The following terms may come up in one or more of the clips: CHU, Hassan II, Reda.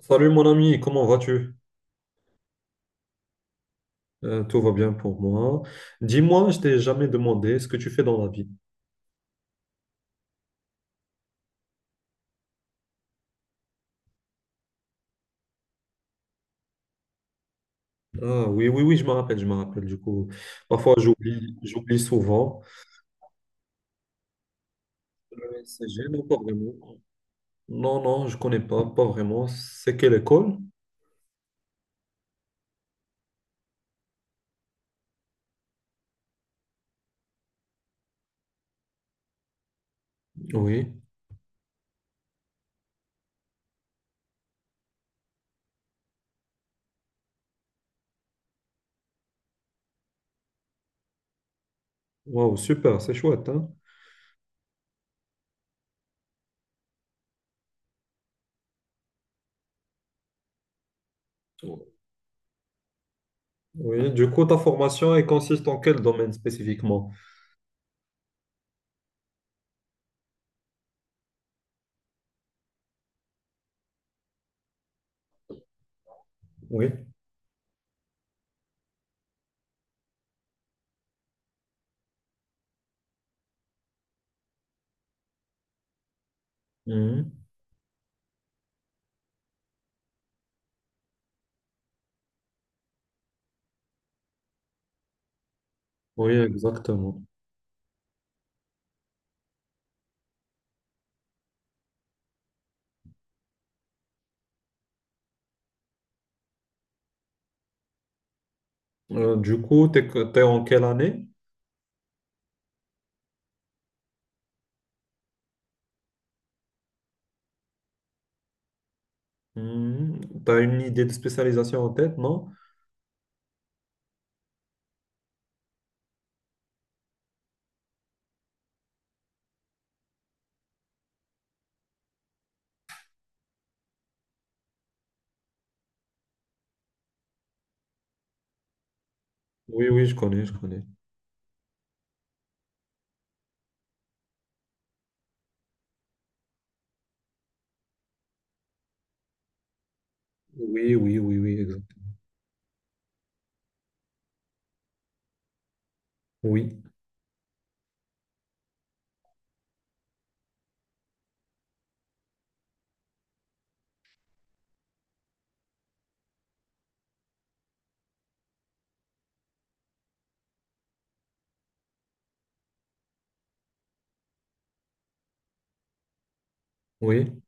Salut mon ami, comment vas-tu? Tout va bien pour moi. Dis-moi, je t'ai jamais demandé ce que tu fais dans la vie. Ah oui, oui, oui, je me rappelle du coup. Parfois j'oublie, j'oublie souvent. C'est gênant, pas vraiment. Non, non, je connais pas vraiment. C'est quelle école? Oui. Waouh, super, c'est chouette, hein? Oui, du coup, ta formation, elle consiste en quel domaine spécifiquement? Oui. Mhm. Oui, exactement. Du coup, t'es en quelle année? Hmm, T'as une idée de spécialisation en tête, non? Oui, oui, je connais, je connais. Oui, oui, oui, oui, exact. Oui, oui.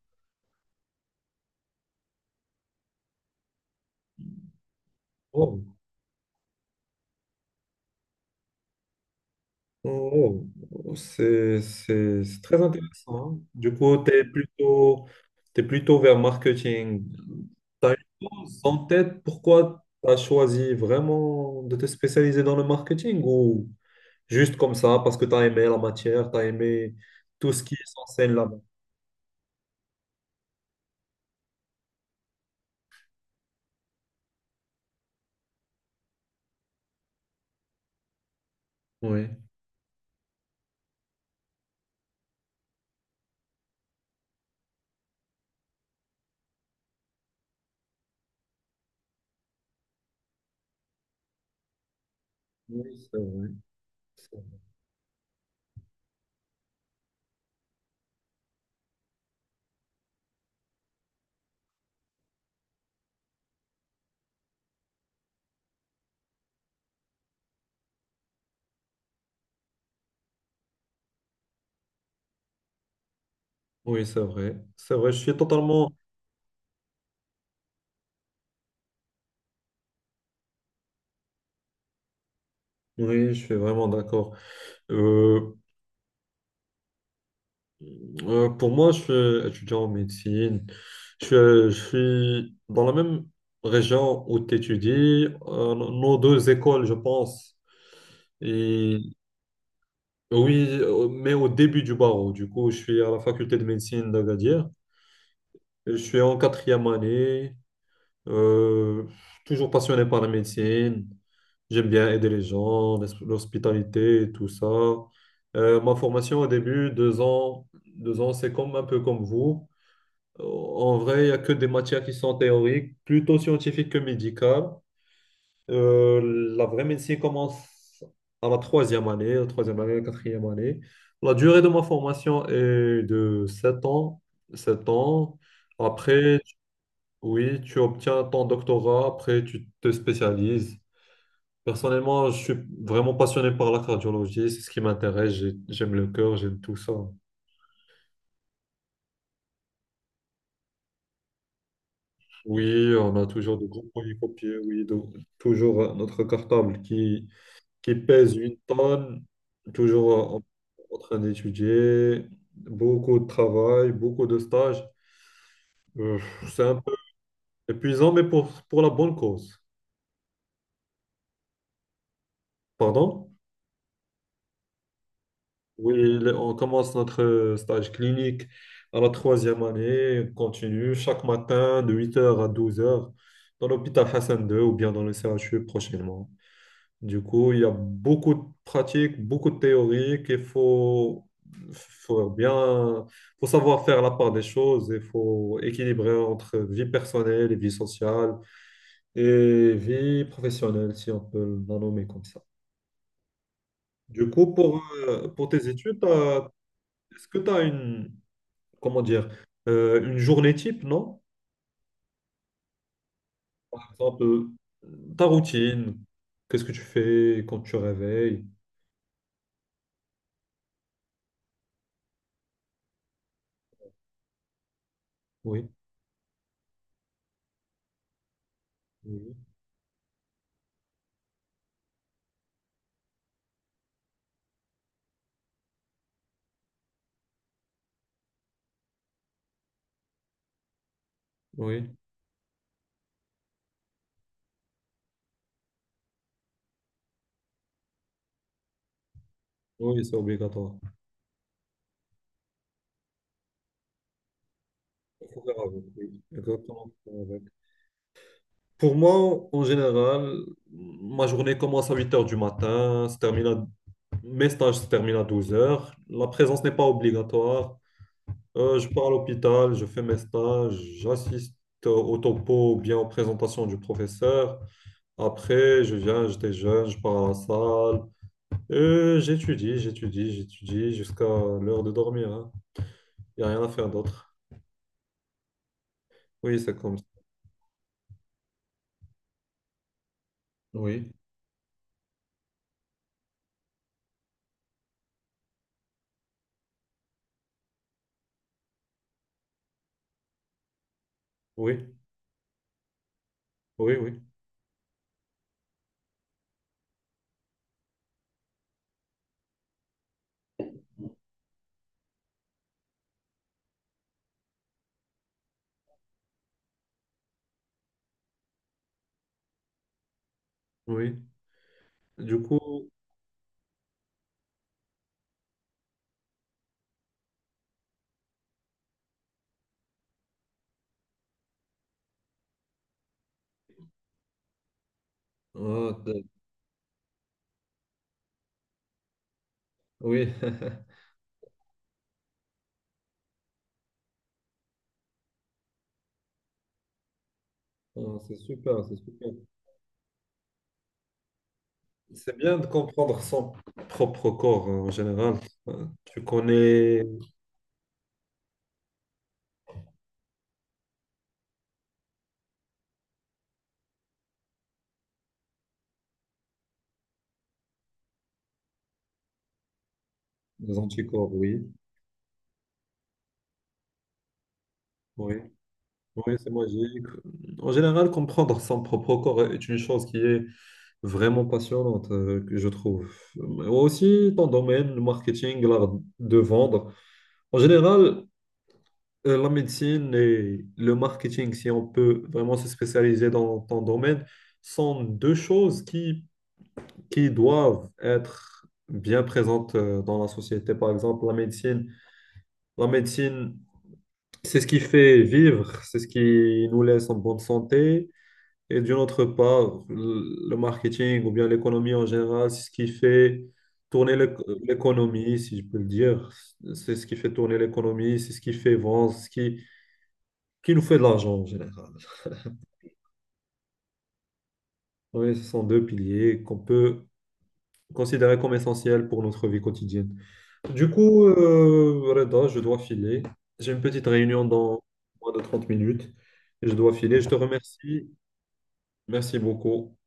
Oh, oh, oh, c'est très intéressant. Hein. Du coup, t'es plutôt vers marketing. T'as une chose en tête, pourquoi t'as choisi vraiment de te spécialiser dans le marketing ou juste comme ça, parce que t'as aimé la matière, t'as aimé tout ce qui est censé là-bas? Oui. Oui, c'est vrai. Oui, c'est vrai. C'est vrai, je suis totalement... Oui, je suis vraiment d'accord. Euh, pour moi, je suis étudiant en médecine. Je suis dans la même région où tu étudies. Nos deux écoles, je pense. Et oui, mais au début du barreau. Du coup, je suis à la faculté de médecine d'Agadir. Et je suis en quatrième année. Euh, toujours passionné par la médecine. J'aime bien aider les gens, l'hospitalité et tout ça. Ma formation au début, 2 ans, 2 ans, c'est comme un peu comme vous. En vrai, il n'y a que des matières qui sont théoriques, plutôt scientifiques que médicales. La vraie médecine commence à la troisième année, la troisième année, la quatrième année. La durée de ma formation est de 7 ans, 7 ans. Après, oui, tu obtiens ton doctorat, après tu te spécialises. Personnellement, je suis vraiment passionné par la cardiologie, c'est ce qui m'intéresse. J'aime le cœur, j'aime tout ça. Oui, on a toujours de gros polycopiés, oui, toujours notre cartable qui pèse une tonne, toujours en train d'étudier, beaucoup de travail, beaucoup de stages. Euh, c'est un peu épuisant, mais pour la bonne cause. Pardon? Oui, on commence notre stage clinique à la troisième année, continue chaque matin de 8h à 12h dans l'hôpital Hassan II ou bien dans le CHU prochainement. Du coup, il y a beaucoup de pratiques, beaucoup de théories qu'il faut, faut bien, faut savoir faire la part des choses, il faut équilibrer entre vie personnelle et vie sociale et vie professionnelle, si on peut la nommer comme ça. Du coup, pour tes études, est-ce que tu as une, comment dire, une journée type, non? Par exemple, ta routine, qu'est-ce que tu fais quand tu te réveilles? Oui, oui, oui, oui, c'est obligatoire. Faut faire avec, oui, exactement, faut faire avec. Pour moi, en général, ma journée commence à 8h du matin, se termine mes stages se terminent à 12 heures. La présence n'est pas obligatoire. Je pars à l'hôpital, je fais mes stages, j'assiste au topo ou bien aux présentations du professeur. Après, je viens, j'étais jeune, je pars à la salle. J'étudie, j'étudie, j'étudie jusqu'à l'heure de dormir. Hein. Il n'y a rien à faire d'autre. Oui, c'est comme ça. Oui, Oui, oui, oui, oui. Du coup, oh, oui, c'est super, c'est super. C'est bien de comprendre son propre corps hein, en général. Tu connais les anticorps, oui, oui, oui, c'est magique. En général, comprendre son propre corps est une chose qui est vraiment passionnante, que je trouve. Mais aussi, ton domaine, le marketing, l'art de vendre. En général, la médecine et le marketing, si on peut vraiment se spécialiser dans ton domaine, sont deux choses qui doivent être bien présentes dans la société. Par exemple, la médecine, c'est ce qui fait vivre, c'est ce qui nous laisse en bonne santé. Et d'une autre part, le marketing ou bien l'économie en général, c'est ce qui fait tourner l'économie, si je peux le dire. C'est ce qui fait tourner l'économie, c'est ce qui fait vendre, c'est ce qui nous fait de l'argent en général. Oui, ce sont deux piliers qu'on peut considérer comme essentiels pour notre vie quotidienne. Du coup, Reda, je dois filer. J'ai une petite réunion dans moins de 30 minutes. Je dois filer. Je te remercie. Merci beaucoup.